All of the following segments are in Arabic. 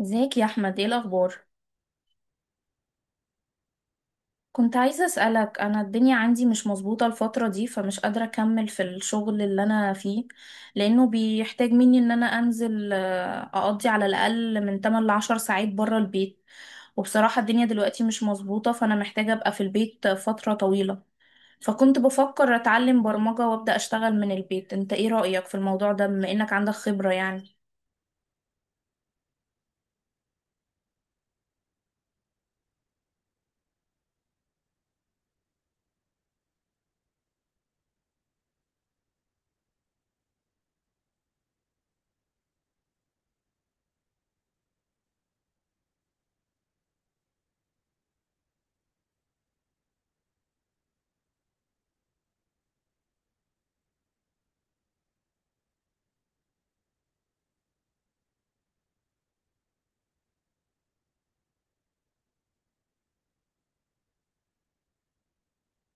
ازيك يا احمد، ايه الاخبار؟ كنت عايزه اسالك. انا الدنيا عندي مش مظبوطه الفتره دي، فمش قادره اكمل في الشغل اللي انا فيه لانه بيحتاج مني ان انا انزل، اقضي على الاقل من 8 ل 10 ساعات بره البيت. وبصراحه الدنيا دلوقتي مش مظبوطه، فانا محتاجه ابقى في البيت فتره طويله. فكنت بفكر اتعلم برمجه وابدا اشتغل من البيت. انت ايه رايك في الموضوع ده، بما انك عندك خبره يعني؟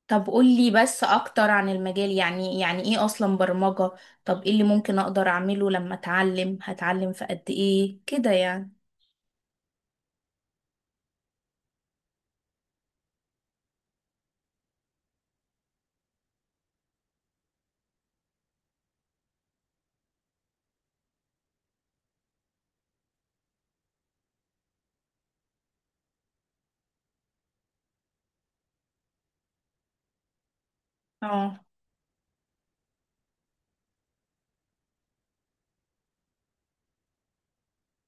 طب قولي بس اكتر عن المجال، يعني ايه اصلا برمجة؟ طب ايه اللي ممكن اقدر اعمله لما اتعلم؟ هتعلم في قد ايه كده يعني؟ اه،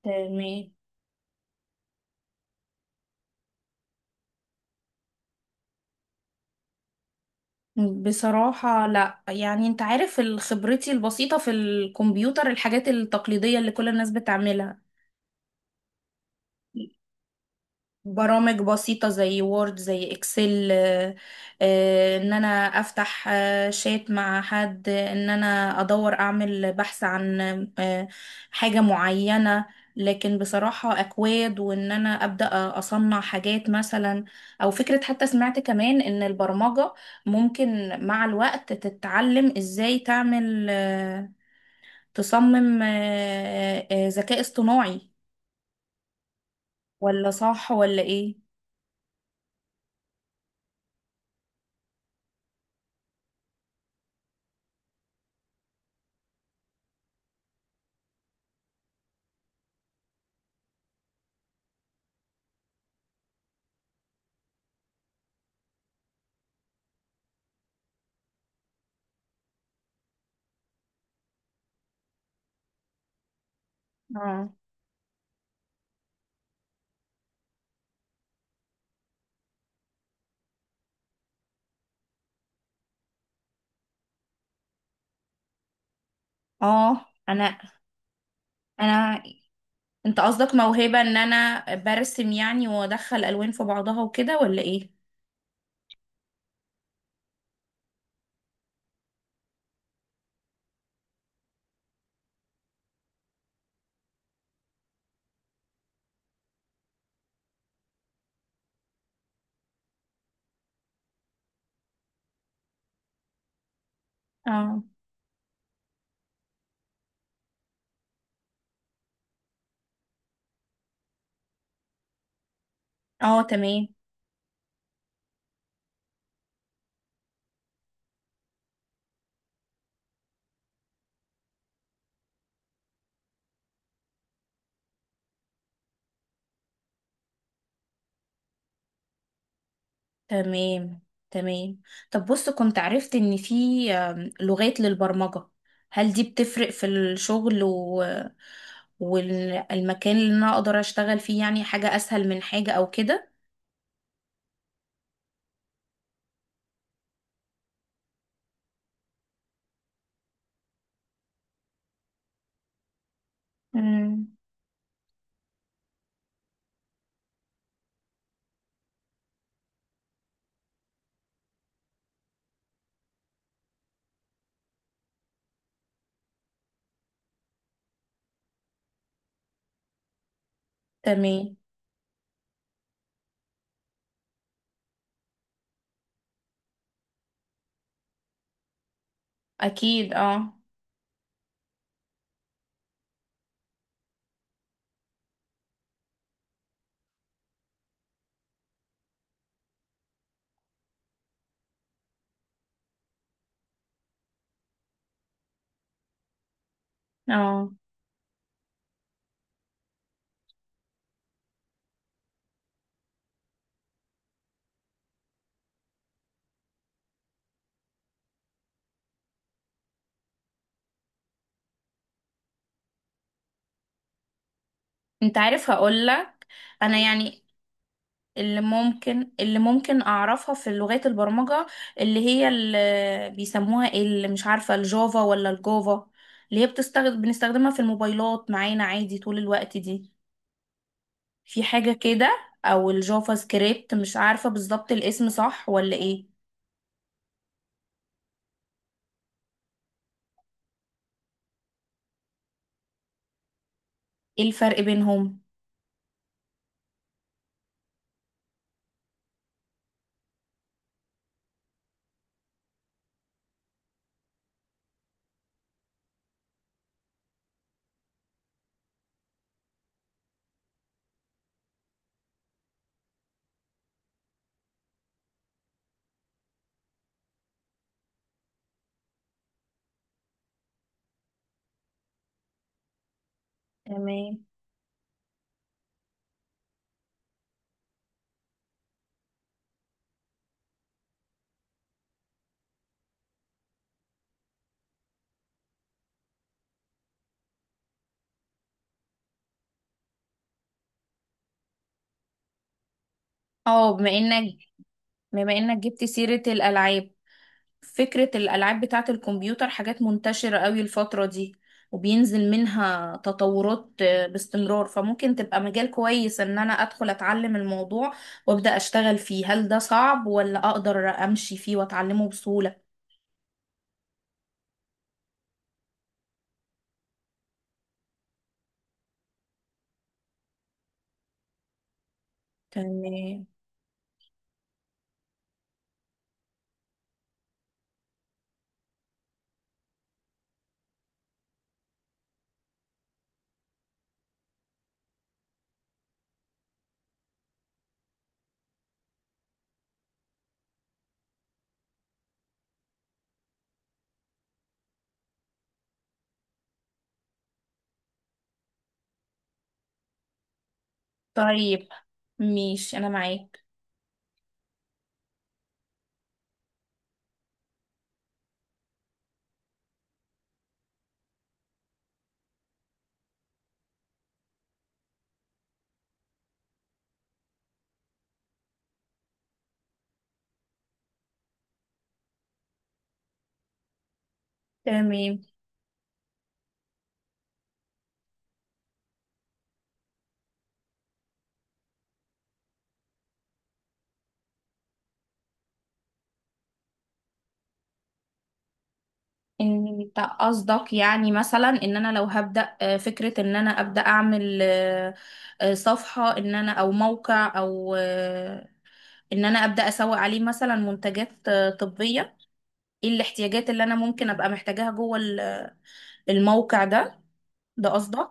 تمام. بصراحة لا، يعني انت عارف، خبرتي البسيطة في الكمبيوتر الحاجات التقليدية اللي كل الناس بتعملها، برامج بسيطة زي وورد زي اكسل. ان انا افتح شات مع حد، ان انا ادور اعمل بحث عن آه، حاجة معينة. لكن بصراحة اكواد، وان انا ابدأ اصنع حاجات مثلا، او فكرة. حتى سمعت كمان ان البرمجة ممكن مع الوقت تتعلم ازاي تعمل، تصمم ذكاء اصطناعي، ولا صح ولا ايه؟ اه، اه، انا. انت قصدك موهبة ان انا برسم يعني، وادخل الوان في بعضها وكده، ولا ايه؟ اه، اه، تمام، تمام، تمام. طب بص، كنت عرفت ان في لغات للبرمجة. هل دي بتفرق في الشغل والمكان اللي انا اقدر اشتغل فيه؟ يعني حاجة اسهل من حاجة او كده. امم تمام، اكيد. اه، اه، انت عارف هقولك، انا يعني، اللي ممكن اعرفها في لغات البرمجة، اللي هي اللي بيسموها إيه، اللي مش عارفة، الجافا ولا الجافا اللي هي بتستخدم بنستخدمها في الموبايلات معانا عادي طول الوقت دي؟ في حاجة كده؟ او الجافا سكريبت؟ مش عارفة بالظبط الاسم صح ولا ايه؟ ايه الفرق بينهم؟ تمام. اه، بما انك جبت سيرة الالعاب، فكرة الألعاب بتاعة الكمبيوتر حاجات منتشرة قوي الفترة دي، وبينزل منها تطورات باستمرار. فممكن تبقى مجال كويس إن أنا أدخل أتعلم الموضوع وأبدأ أشتغل فيه. هل ده صعب، ولا أقدر أمشي فيه وأتعلمه بسهولة؟ تمام. طيب، مش أنا معاك. تمام، انت قصدك يعني مثلا ان انا لو هبدأ فكرة، ان انا ابدأ اعمل صفحة، ان انا او موقع، او ان انا ابدا اسوق عليه مثلا منتجات طبيه، ايه الاحتياجات اللي انا ممكن ابقى محتاجاها جوه الموقع ده؟ ده قصدك؟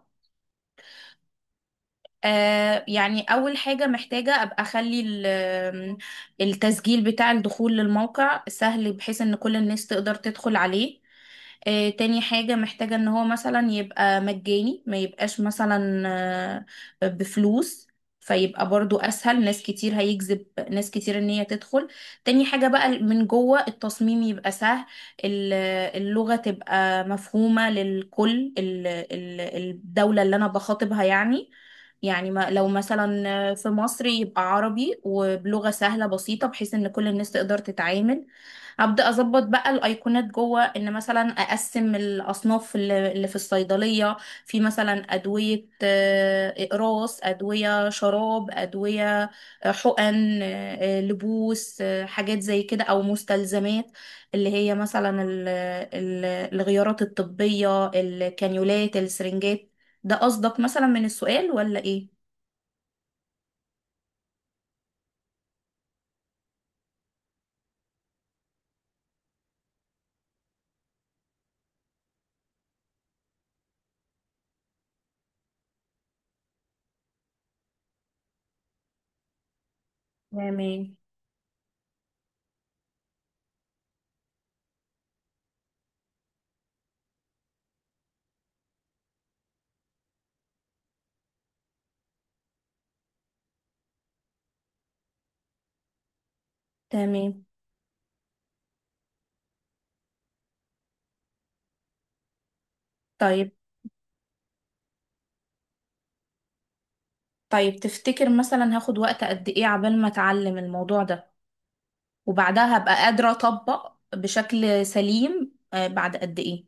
آه، يعني أول حاجة محتاجة أبقى أخلي التسجيل بتاع الدخول للموقع سهل، بحيث إن كل الناس تقدر تدخل عليه. آه، تاني حاجة محتاجة إن هو مثلا يبقى مجاني، ما يبقاش مثلا آه بفلوس، فيبقى برضو أسهل، ناس كتير هيجذب، ناس كتير إن هي تدخل. تاني حاجة بقى، من جوه التصميم يبقى سهل. ال- اللغة تبقى مفهومة للكل، الدولة اللي أنا بخاطبها يعني. يعني ما لو مثلا في مصر، يبقى عربي وبلغة سهلة بسيطة بحيث ان كل الناس تقدر تتعامل. هبدأ اظبط بقى الايقونات جوه، ان مثلا اقسم الاصناف اللي في الصيدلية. في مثلا ادوية، اقراص ادوية، شراب ادوية، حقن، لبوس، حاجات زي كده، او مستلزمات اللي هي مثلا الغيارات الطبية، الكانيولات، السرنجات. ده قصدك مثلا من السؤال، ولا ايه؟ تمام، تمام. طيب. طيب، تفتكر مثلا هاخد وقت قد ايه عبال ما اتعلم الموضوع ده، وبعدها هبقى قادرة اطبق بشكل سليم بعد قد ايه؟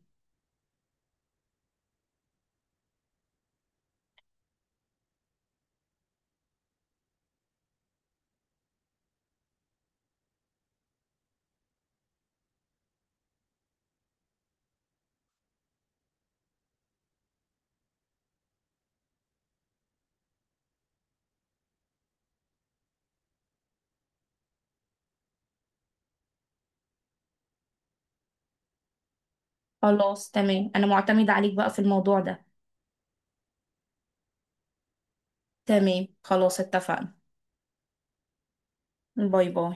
خلاص، تمام، انا معتمدة عليك بقى في الموضوع ده. تمام، خلاص، اتفقنا. باي باي.